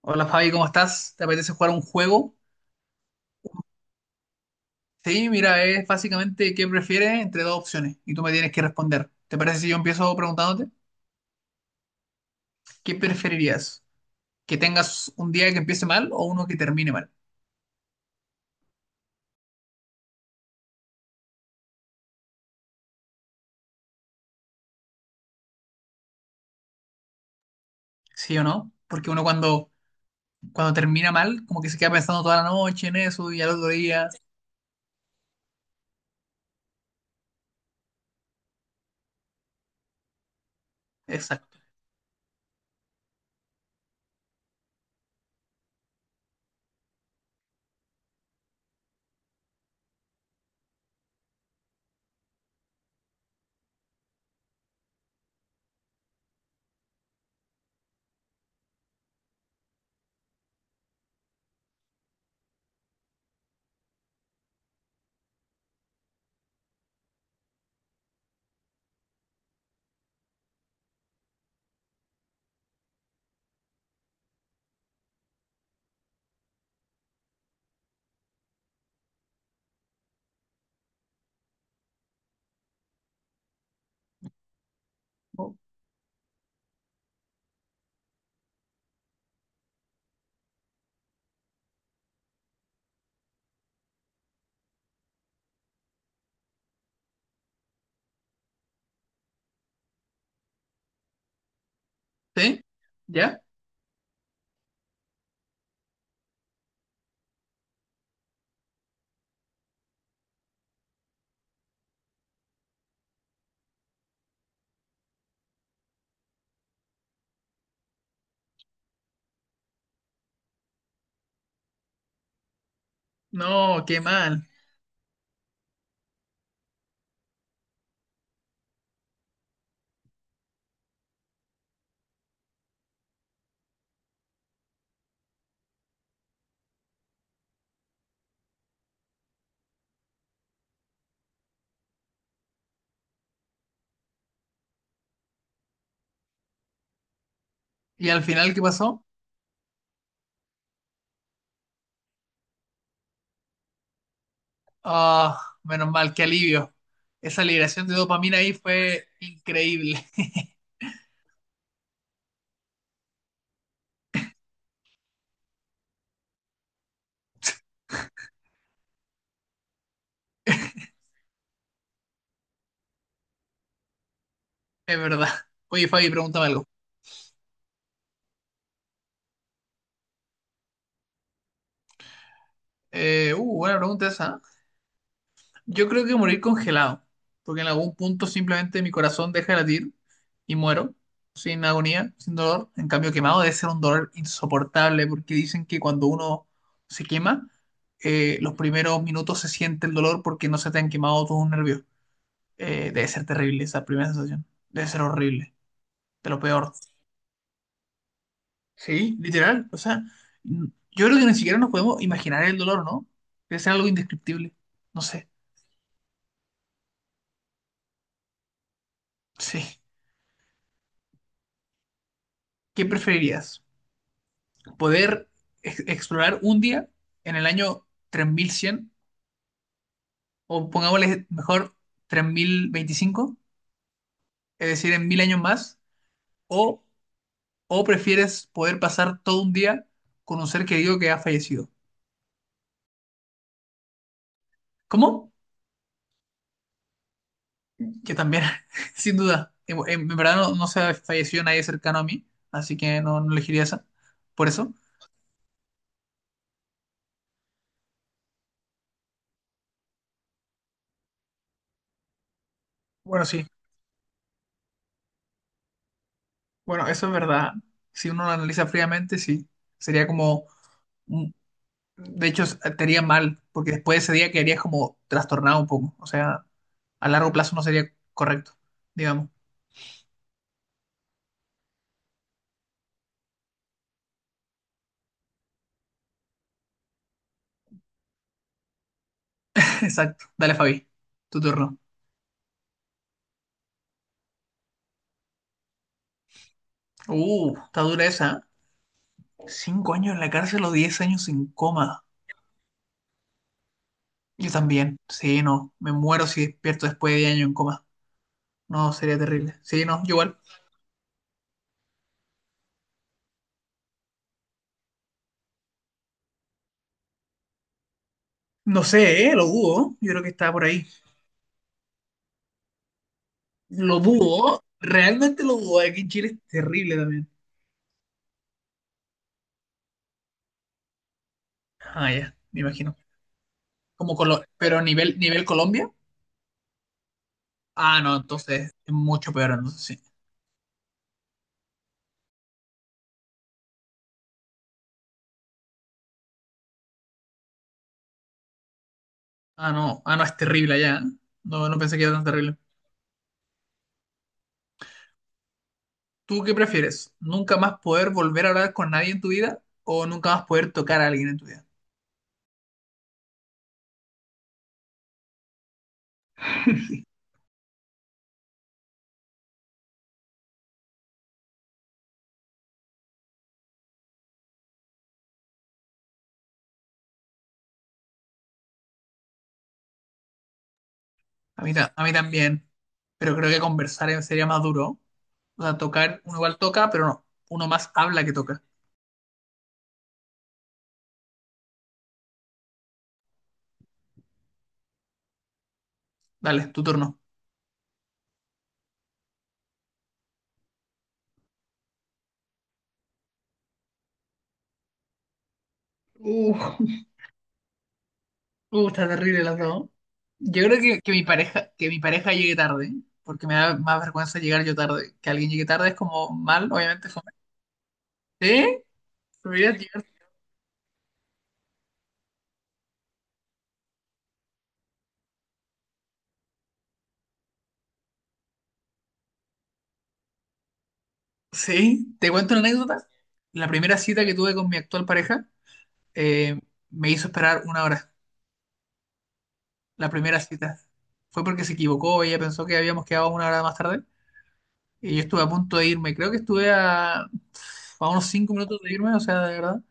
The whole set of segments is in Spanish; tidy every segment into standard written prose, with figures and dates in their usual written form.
Hola Fabi, ¿cómo estás? ¿Te apetece jugar un juego? Sí, mira, es básicamente qué prefieres entre dos opciones y tú me tienes que responder. ¿Te parece si yo empiezo preguntándote? ¿Qué preferirías? ¿Que tengas un día que empiece mal o uno que termine mal? ¿Sí o no? Porque uno cuando termina mal, como que se queda pensando toda la noche en eso y al otro día. Exacto. ¿Sí? ¿Ya? No, qué mal. ¿Y al final qué pasó? Ah, menos mal, qué alivio. Esa liberación de dopamina ahí fue increíble. Es verdad. Oye, Fabi, pregúntame algo. Buena pregunta esa. ¿Eh? Yo creo que morir congelado, porque en algún punto simplemente mi corazón deja de latir y muero, sin agonía, sin dolor. En cambio, quemado debe ser un dolor insoportable, porque dicen que cuando uno se quema, los primeros minutos se siente el dolor porque no se te han quemado todos los nervios. Debe ser terrible esa primera sensación. Debe ser horrible, de lo peor. Sí, literal. O sea, yo creo que ni siquiera nos podemos imaginar el dolor, ¿no? Debe ser algo indescriptible. No sé. Sí. ¿Qué preferirías? ¿Poder explorar un día en el año 3100, o pongámosle mejor 3025, es decir, en 1000 años más? ¿O, o prefieres poder pasar todo un día con un ser querido que ha fallecido? ¿Cómo? Que también, sin duda, en, verdad no, no se ha fallecido nadie cercano a mí, así que no, no elegiría esa. Por eso, bueno, sí, bueno, eso es verdad. Si uno lo analiza fríamente, sí, sería como, mm, de hecho, te haría mal, porque después de ese día quedarías como trastornado un poco, o sea, a largo plazo no sería correcto, digamos. Exacto. Dale, Fabi, tu turno. Está dura esa. ¿Eh? 5 años en la cárcel o 10 años en coma. Yo también, sí, no, me muero si despierto después de 10 años en coma. No, sería terrible. Sí, no, yo igual. No sé, ¿eh? Lo dudo, yo creo que está por ahí. Lo dudo, realmente lo dudo. Aquí en Chile es terrible también. Ah, ya, me imagino. Pero nivel Colombia. Ah, no, entonces es mucho peor, entonces sí. Ah, no, ah, no, es terrible allá. ¿Eh? No, no pensé que era tan terrible. ¿Tú qué prefieres? ¿Nunca más poder volver a hablar con nadie en tu vida o nunca más poder tocar a alguien en tu vida? A mí también, pero creo que conversar sería más duro. O sea, tocar, uno igual toca, pero no, uno más habla que toca. Dale, tu turno. Uh, Está terrible las dos. Yo creo que mi pareja llegue tarde, porque me da más vergüenza llegar yo tarde. Que alguien llegue tarde es como mal, obviamente. Fome. ¿Sí? ¿Preferirías llegar- Sí, te cuento una anécdota. La primera cita que tuve con mi actual pareja eh, me hizo esperar una hora, la primera cita. Fue porque se equivocó, ella pensó que habíamos quedado una hora más tarde y yo estuve a punto de irme. Creo que estuve a unos 5 minutos de irme, o sea, de verdad.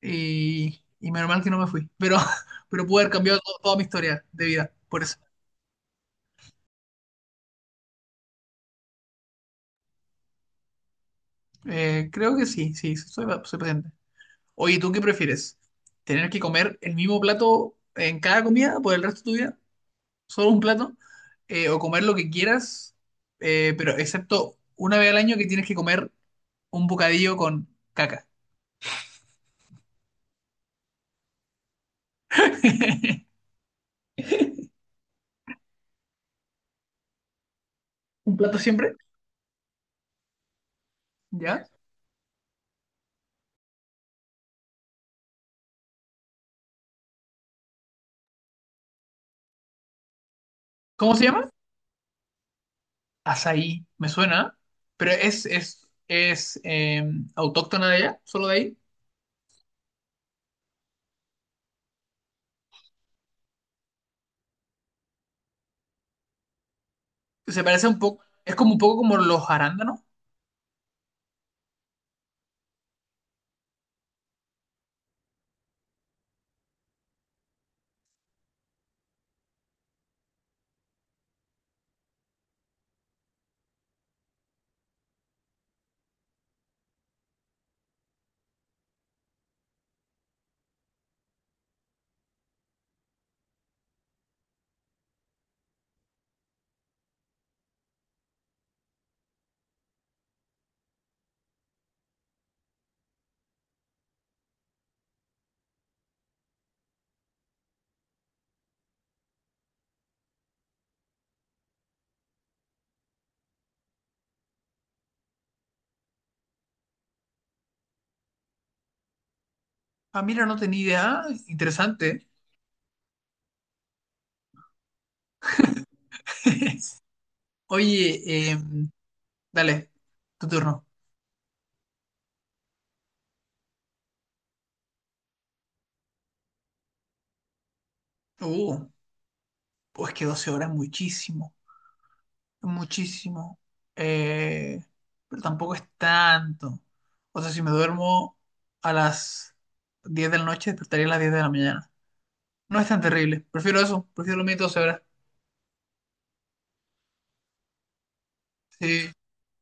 Y menos mal que no me fui, pero, pero pude haber cambiado toda mi historia de vida, por eso. Creo que sí, sí, soy paciente. Oye, ¿tú qué prefieres? ¿Tener que comer el mismo plato en cada comida por el resto de tu vida? ¿Solo un plato? ¿O comer lo que quieras? Pero excepto una vez al año que tienes que comer un bocadillo con caca. Un plato siempre, ¿ya? ¿Cómo se llama? Azaí, me suena, pero es autóctona de allá, solo de ahí. Se parece un poco, es como un poco como los arándanos. Ah, mira, no tenía idea. Interesante. Oye, dale, tu turno. Uh, pues que 12 horas, es muchísimo. Muchísimo, eh, pero tampoco es tanto. O sea, si me duermo a las 10 de la noche, despertaría a las 10 de la mañana. No es tan terrible, prefiero eso, prefiero dormir 12 horas. Si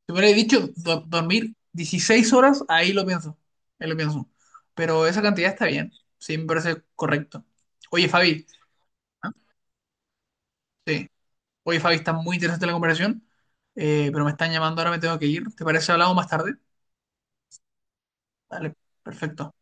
me hubiera dicho dormir 16 horas, ahí lo pienso, ahí lo pienso. Pero esa cantidad está bien, sí, me parece correcto. Oye, Fabi, ¿Ah? Sí, oye, Fabi, está muy interesante la conversación, pero me están llamando, ahora me tengo que ir. ¿Te parece si hablamos más tarde? Dale, perfecto.